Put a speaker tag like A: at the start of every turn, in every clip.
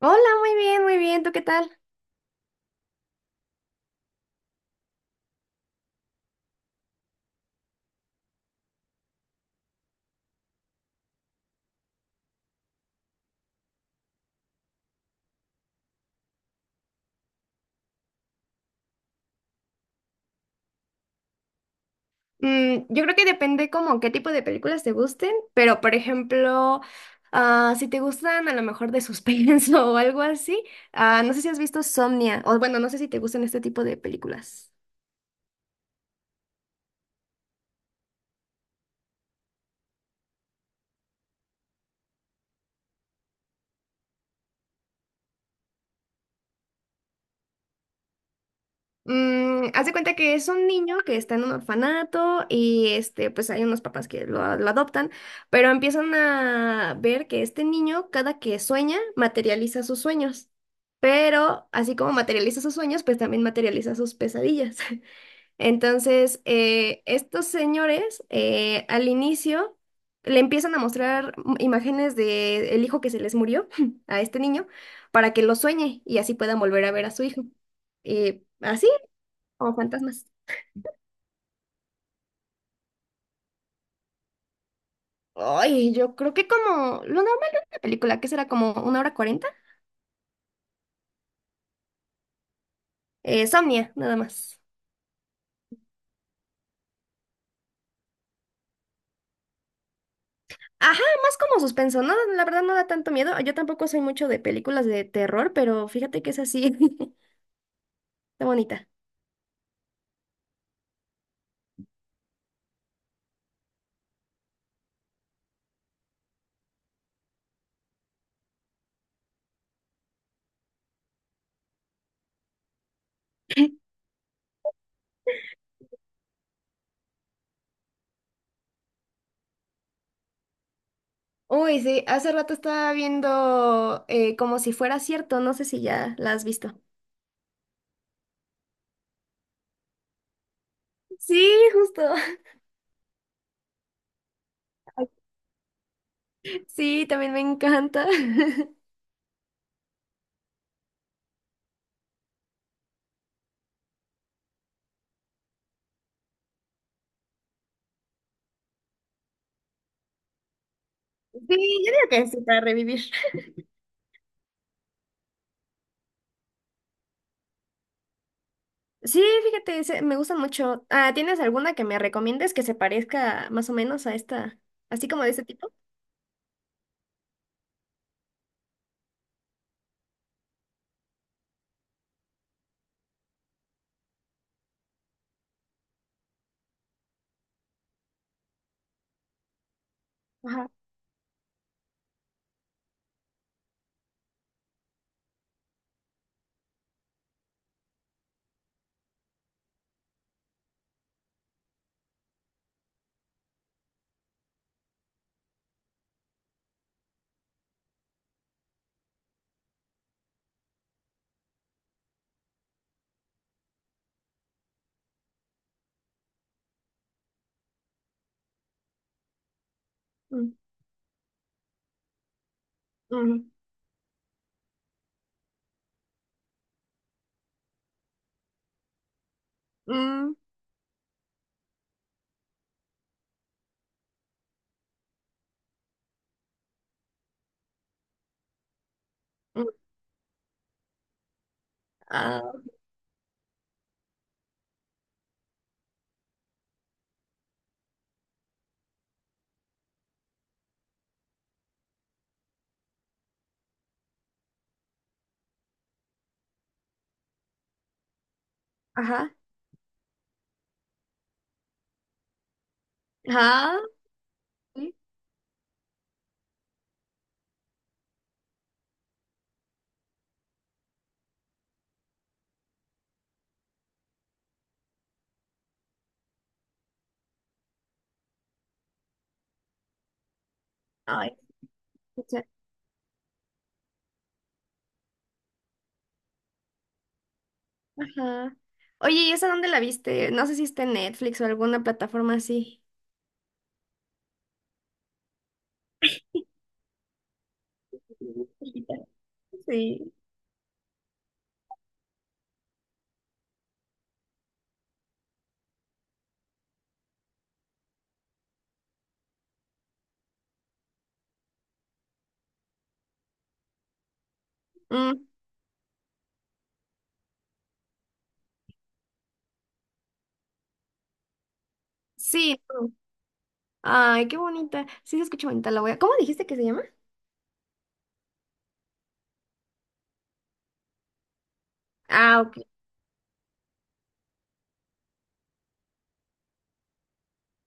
A: Hola, muy bien, muy bien. ¿Tú qué tal? Mm, yo creo que depende como qué tipo de películas te gusten, pero por ejemplo, si te gustan a lo mejor de suspenso o algo así, no sé si has visto Somnia, o bueno, no sé si te gustan este tipo de películas. Mm, haz de cuenta que es un niño que está en un orfanato y este, pues hay unos papás que lo adoptan, pero empiezan a ver que este niño, cada que sueña, materializa sus sueños. Pero así como materializa sus sueños, pues también materializa sus pesadillas. Entonces, estos señores al inicio le empiezan a mostrar imágenes de el hijo que se les murió a este niño para que lo sueñe y así puedan volver a ver a su hijo. Y así. O fantasmas. Ay, yo creo que como lo normal de una película, que será como una hora cuarenta. Somnia, nada más. Ajá, más como suspenso, ¿no? La verdad no da tanto miedo. Yo tampoco soy mucho de películas de terror, pero fíjate que es así. Está bonita. Uy, sí, hace rato estaba viendo como si fuera cierto, no sé si ya la has visto. Sí, justo. Sí, también me encanta. Sí, yo digo que sí, para revivir. Sí, fíjate, me gusta mucho. Ah, ¿tienes alguna que me recomiendes que se parezca más o menos a esta, así como de ese tipo? Ajá. Mm, mm, mm, mm, ah, ajá. Ajá. Sí, ay, escucha, ajá. Oye, ¿y esa dónde la viste? No sé si está en Netflix o alguna plataforma así. Bonita. Sí. Mm, sí. No. Ay, qué bonita. Sí, se escucha bonita. La voy a... ¿Cómo dijiste que se llama? Ah, ok.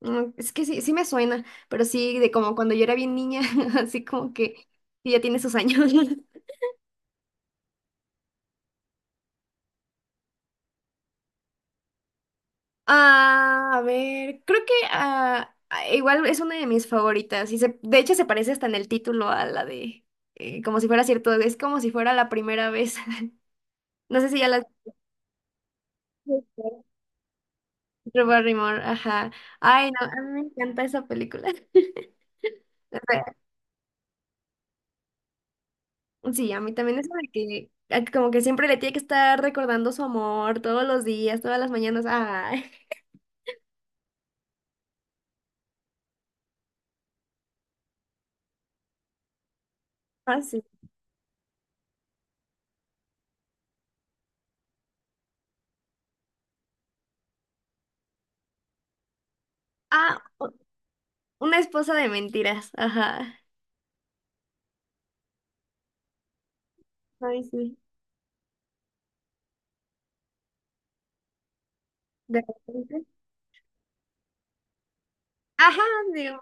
A: Mm, es que sí, sí me suena, pero sí, de como cuando yo era bien niña, así como que sí, ya tiene sus años. Ah, a ver, creo que igual es una de mis favoritas. Y de hecho se parece hasta en el título a la de como si fuera cierto, es como si fuera la primera vez. No sé si ya la... Drew Barrymore, ajá. Ay, no, a mí me encanta esa película. Sí, a mí también eso de que a como que siempre le tiene que estar recordando su amor todos los días, todas las mañanas. Ay, así. Ah, u- una esposa de mentiras. Ajá. Ay, sí. De repente. Ajá, digo.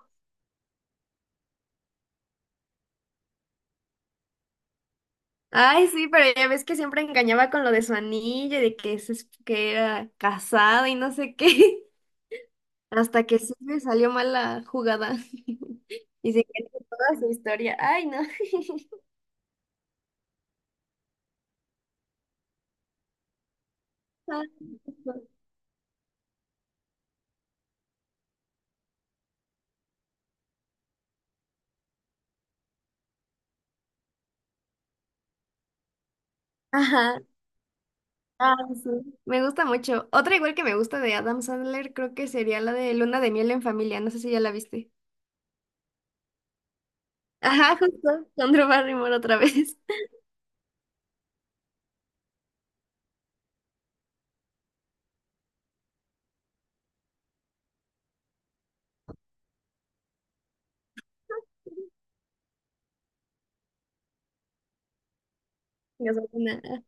A: Ay, sí, pero ya ves que siempre engañaba con lo de su anillo y de que, es que era casado y no sé qué. Hasta que sí me salió mal la jugada. Y se quedó toda su historia. Ay, no. Ay, no. Ajá. Ah, sí. Me gusta mucho. Otra igual que me gusta de Adam Sandler, creo que sería la de Luna de miel en familia. No sé si ya la viste. Ajá, justo. Con Drew Barrymore otra vez. Ya una- ah,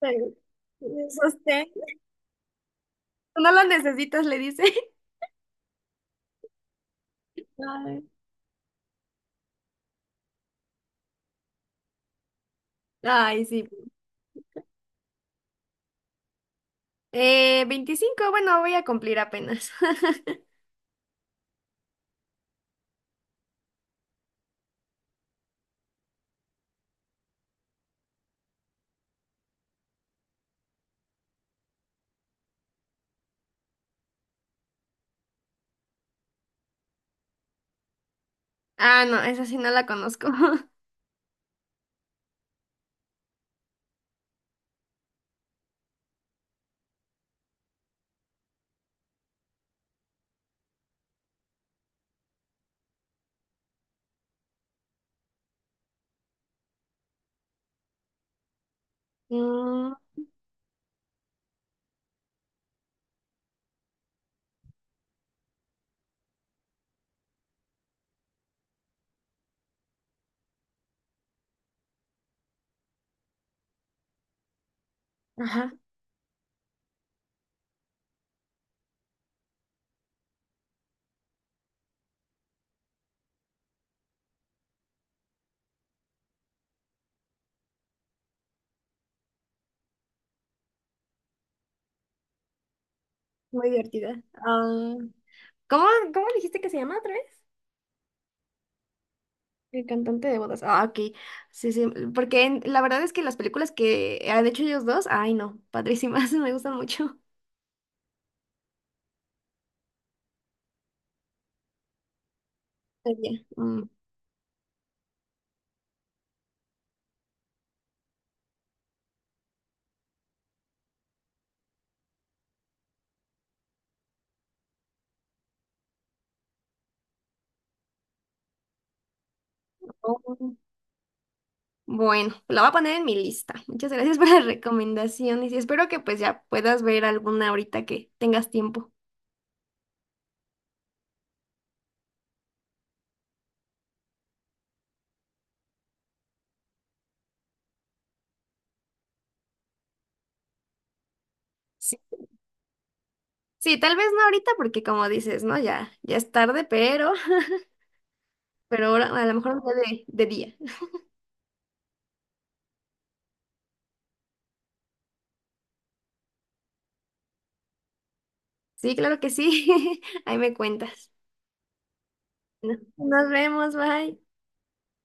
A: pero- sostén. No la necesitas, le dice. Ay, ay, sí. 25 bueno, voy a cumplir apenas. Ah, no, esa sí no la conozco. Mm, ajá, muy divertida. Ah, ¿cómo, cómo dijiste que se llama otra vez? El cantante de bodas. Ah, ok. Sí, sí. Porque la verdad es que las películas que han hecho ellos dos, ay no, padrísimas, me gustan mucho. Ah, ya. Mm. Oh. Bueno, la voy a poner en mi lista. Muchas gracias por las recomendaciones y sí, espero que pues ya puedas ver alguna ahorita que tengas tiempo. Sí. Sí, tal vez no ahorita porque como dices, ¿no? Ya es tarde, pero, pero ahora, a lo mejor un día de día. Sí, claro que sí. Ahí me cuentas. Bueno, nos vemos, bye.